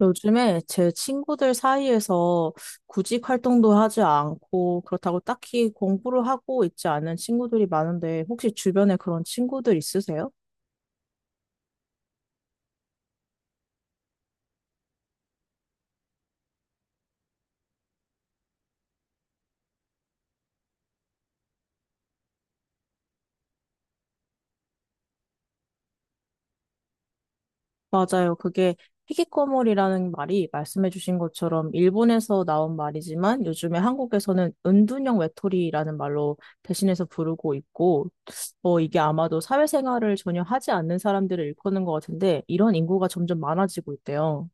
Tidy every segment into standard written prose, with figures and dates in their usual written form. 요즘에 제 친구들 사이에서 구직 활동도 하지 않고 그렇다고 딱히 공부를 하고 있지 않은 친구들이 많은데 혹시 주변에 그런 친구들 있으세요? 맞아요. 그게 희귀꼬물이라는 말이 말씀해주신 것처럼 일본에서 나온 말이지만 요즘에 한국에서는 은둔형 외톨이라는 말로 대신해서 부르고 있고 이게 아마도 사회생활을 전혀 하지 않는 사람들을 일컫는 것 같은데 이런 인구가 점점 많아지고 있대요.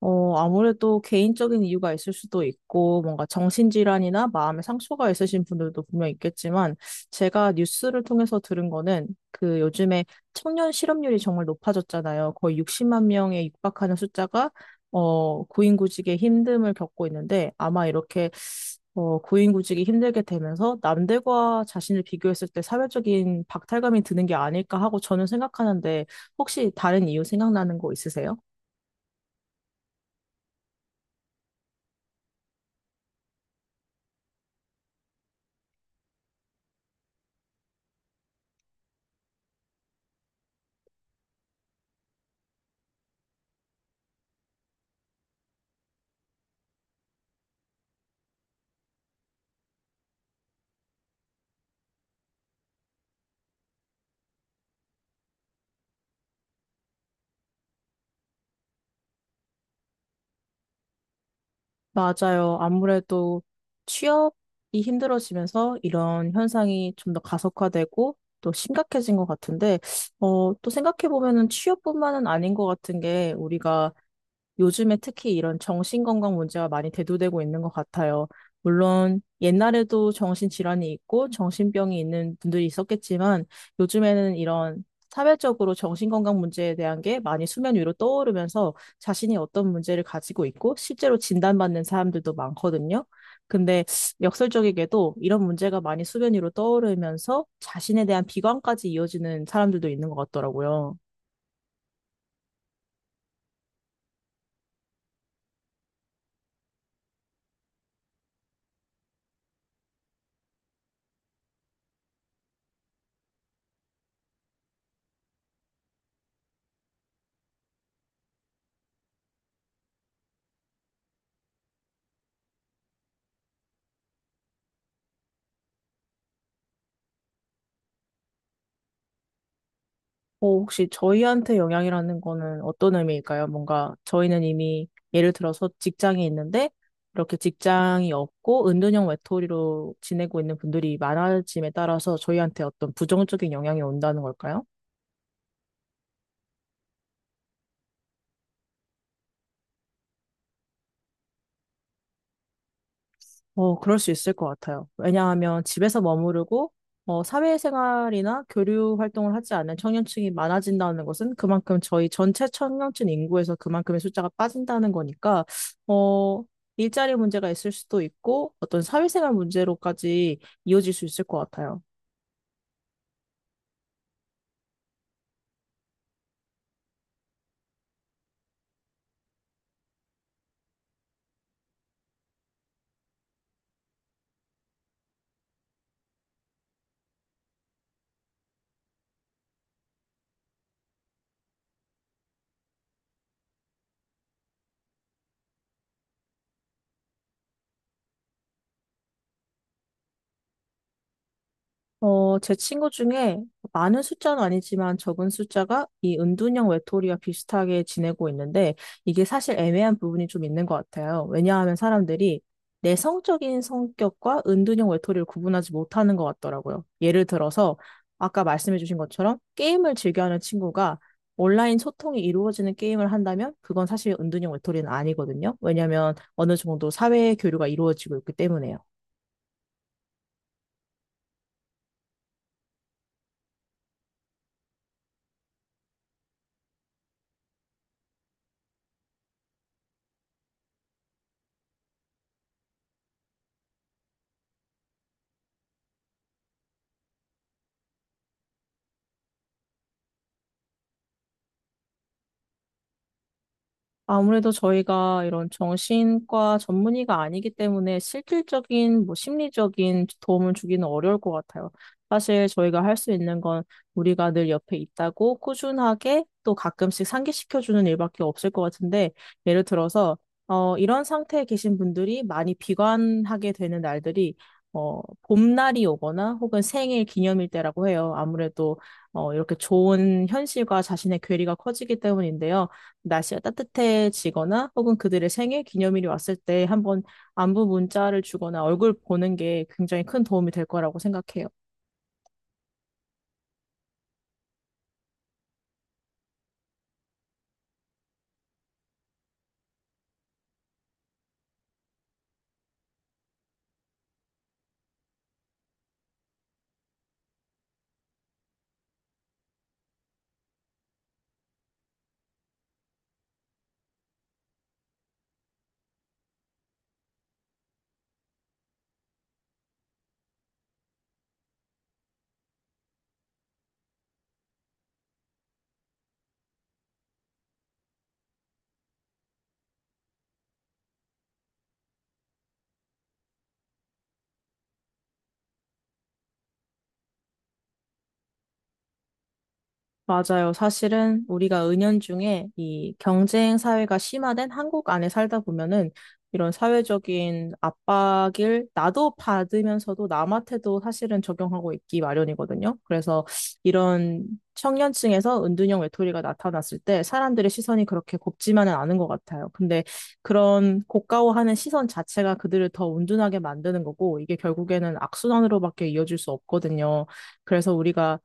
아무래도 개인적인 이유가 있을 수도 있고, 뭔가 정신질환이나 마음의 상처가 있으신 분들도 분명 있겠지만, 제가 뉴스를 통해서 들은 거는 그 요즘에 청년 실업률이 정말 높아졌잖아요. 거의 60만 명에 육박하는 숫자가, 고인구직의 힘듦을 겪고 있는데, 아마 이렇게, 고인구직이 힘들게 되면서 남들과 자신을 비교했을 때 사회적인 박탈감이 드는 게 아닐까 하고 저는 생각하는데, 혹시 다른 이유 생각나는 거 있으세요? 맞아요. 아무래도 취업이 힘들어지면서 이런 현상이 좀 더 가속화되고 또 심각해진 것 같은데, 또 생각해보면은 취업뿐만은 아닌 것 같은 게 우리가 요즘에 특히 이런 정신건강 문제가 많이 대두되고 있는 것 같아요. 물론 옛날에도 정신질환이 있고 정신병이 있는 분들이 있었겠지만 요즘에는 이런 사회적으로 정신건강 문제에 대한 게 많이 수면 위로 떠오르면서 자신이 어떤 문제를 가지고 있고 실제로 진단받는 사람들도 많거든요. 근데 역설적이게도 이런 문제가 많이 수면 위로 떠오르면서 자신에 대한 비관까지 이어지는 사람들도 있는 것 같더라고요. 혹시 저희한테 영향이라는 거는 어떤 의미일까요? 뭔가 저희는 이미 예를 들어서 직장이 있는데 이렇게 직장이 없고 은둔형 외톨이로 지내고 있는 분들이 많아짐에 따라서 저희한테 어떤 부정적인 영향이 온다는 걸까요? 그럴 수 있을 것 같아요. 왜냐하면 집에서 머무르고, 사회생활이나 교류 활동을 하지 않는 청년층이 많아진다는 것은 그만큼 저희 전체 청년층 인구에서 그만큼의 숫자가 빠진다는 거니까, 어, 일자리 문제가 있을 수도 있고, 어떤 사회생활 문제로까지 이어질 수 있을 것 같아요. 제 친구 중에 많은 숫자는 아니지만 적은 숫자가 이 은둔형 외톨이와 비슷하게 지내고 있는데 이게 사실 애매한 부분이 좀 있는 것 같아요. 왜냐하면 사람들이 내성적인 성격과 은둔형 외톨이를 구분하지 못하는 것 같더라고요. 예를 들어서 아까 말씀해주신 것처럼 게임을 즐겨하는 친구가 온라인 소통이 이루어지는 게임을 한다면 그건 사실 은둔형 외톨이는 아니거든요. 왜냐하면 어느 정도 사회 교류가 이루어지고 있기 때문에요. 아무래도 저희가 이런 정신과 전문의가 아니기 때문에 실질적인 뭐 심리적인 도움을 주기는 어려울 것 같아요. 사실 저희가 할 수 있는 건 우리가 늘 옆에 있다고 꾸준하게 또 가끔씩 상기시켜주는 일밖에 없을 것 같은데 예를 들어서 이런 상태에 계신 분들이 많이 비관하게 되는 날들이 봄날이 오거나 혹은 생일 기념일 때라고 해요. 아무래도 이렇게 좋은 현실과 자신의 괴리가 커지기 때문인데요. 날씨가 따뜻해지거나 혹은 그들의 생일 기념일이 왔을 때 한번 안부 문자를 주거나 얼굴 보는 게 굉장히 큰 도움이 될 거라고 생각해요. 맞아요. 사실은 우리가 은연중에 이 경쟁 사회가 심화된 한국 안에 살다 보면은 이런 사회적인 압박을 나도 받으면서도 남한테도 사실은 적용하고 있기 마련이거든요. 그래서 이런 청년층에서 은둔형 외톨이가 나타났을 때 사람들의 시선이 그렇게 곱지만은 않은 것 같아요. 근데 그런 고가워하는 시선 자체가 그들을 더 은둔하게 만드는 거고 이게 결국에는 악순환으로밖에 이어질 수 없거든요. 그래서 우리가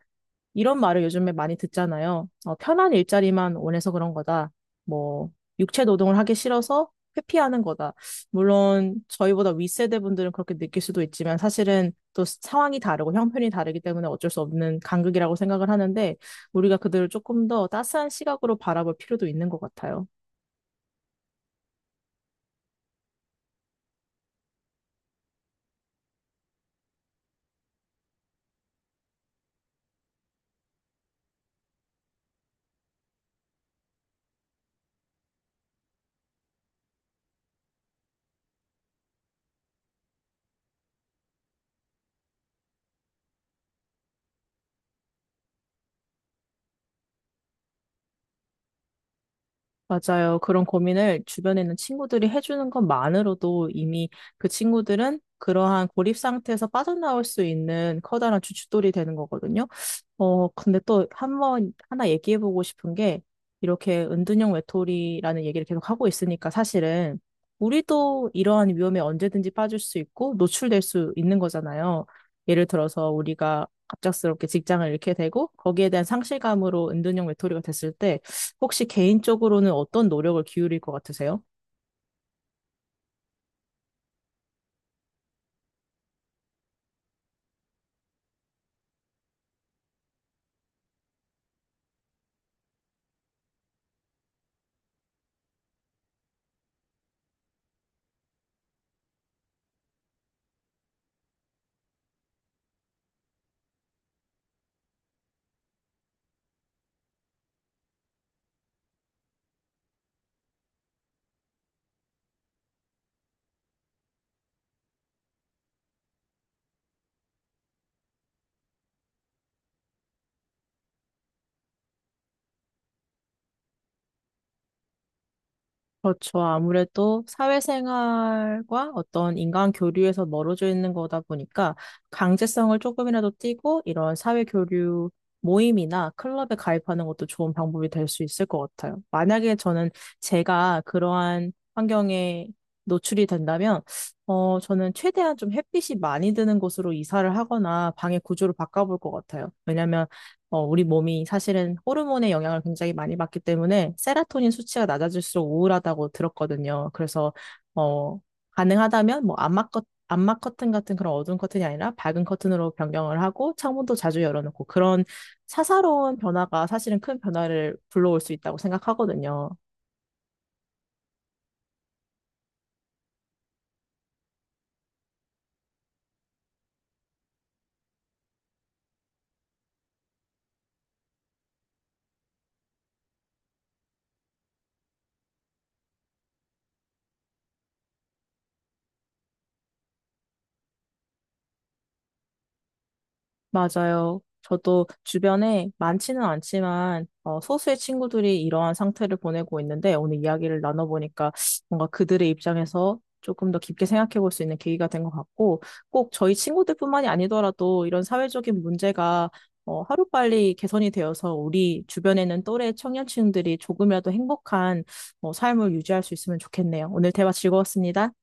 이런 말을 요즘에 많이 듣잖아요. 편한 일자리만 원해서 그런 거다. 뭐, 육체 노동을 하기 싫어서 회피하는 거다. 물론, 저희보다 윗세대 분들은 그렇게 느낄 수도 있지만 사실은 또 상황이 다르고 형편이 다르기 때문에 어쩔 수 없는 간극이라고 생각을 하는데, 우리가 그들을 조금 더 따스한 시각으로 바라볼 필요도 있는 것 같아요. 맞아요. 그런 고민을 주변에 있는 친구들이 해주는 것만으로도 이미 그 친구들은 그러한 고립 상태에서 빠져나올 수 있는 커다란 주춧돌이 되는 거거든요. 근데 또 한 번, 하나 얘기해보고 싶은 게, 이렇게 은둔형 외톨이라는 얘기를 계속 하고 있으니까 사실은, 우리도 이러한 위험에 언제든지 빠질 수 있고, 노출될 수 있는 거잖아요. 예를 들어서 우리가 갑작스럽게 직장을 잃게 되고, 거기에 대한 상실감으로 은둔형 외톨이가 됐을 때, 혹시 개인적으로는 어떤 노력을 기울일 것 같으세요? 그렇죠. 아무래도 사회생활과 어떤 인간 교류에서 멀어져 있는 거다 보니까 강제성을 조금이라도 띠고 이런 사회 교류 모임이나 클럽에 가입하는 것도 좋은 방법이 될 수 있을 것 같아요. 만약에 저는 제가 그러한 환경에 노출이 된다면, 저는 최대한 좀 햇빛이 많이 드는 곳으로 이사를 하거나 방의 구조를 바꿔볼 것 같아요. 왜냐면 우리 몸이 사실은 호르몬의 영향을 굉장히 많이 받기 때문에 세라토닌 수치가 낮아질수록 우울하다고 들었거든요. 그래서 어, 가능하다면 뭐 암막 커튼 같은 그런 어두운 커튼이 아니라 밝은 커튼으로 변경을 하고 창문도 자주 열어놓고 그런 사사로운 변화가 사실은 큰 변화를 불러올 수 있다고 생각하거든요. 맞아요. 저도 주변에 많지는 않지만 소수의 친구들이 이러한 상태를 보내고 있는데 오늘 이야기를 나눠보니까 뭔가 그들의 입장에서 조금 더 깊게 생각해 볼 수 있는 계기가 된 것 같고 꼭 저희 친구들뿐만이 아니더라도 이런 사회적인 문제가 하루빨리 개선이 되어서 우리 주변에는 또래 청년층들이 조금이라도 행복한 삶을 유지할 수 있으면 좋겠네요. 오늘 대화 즐거웠습니다.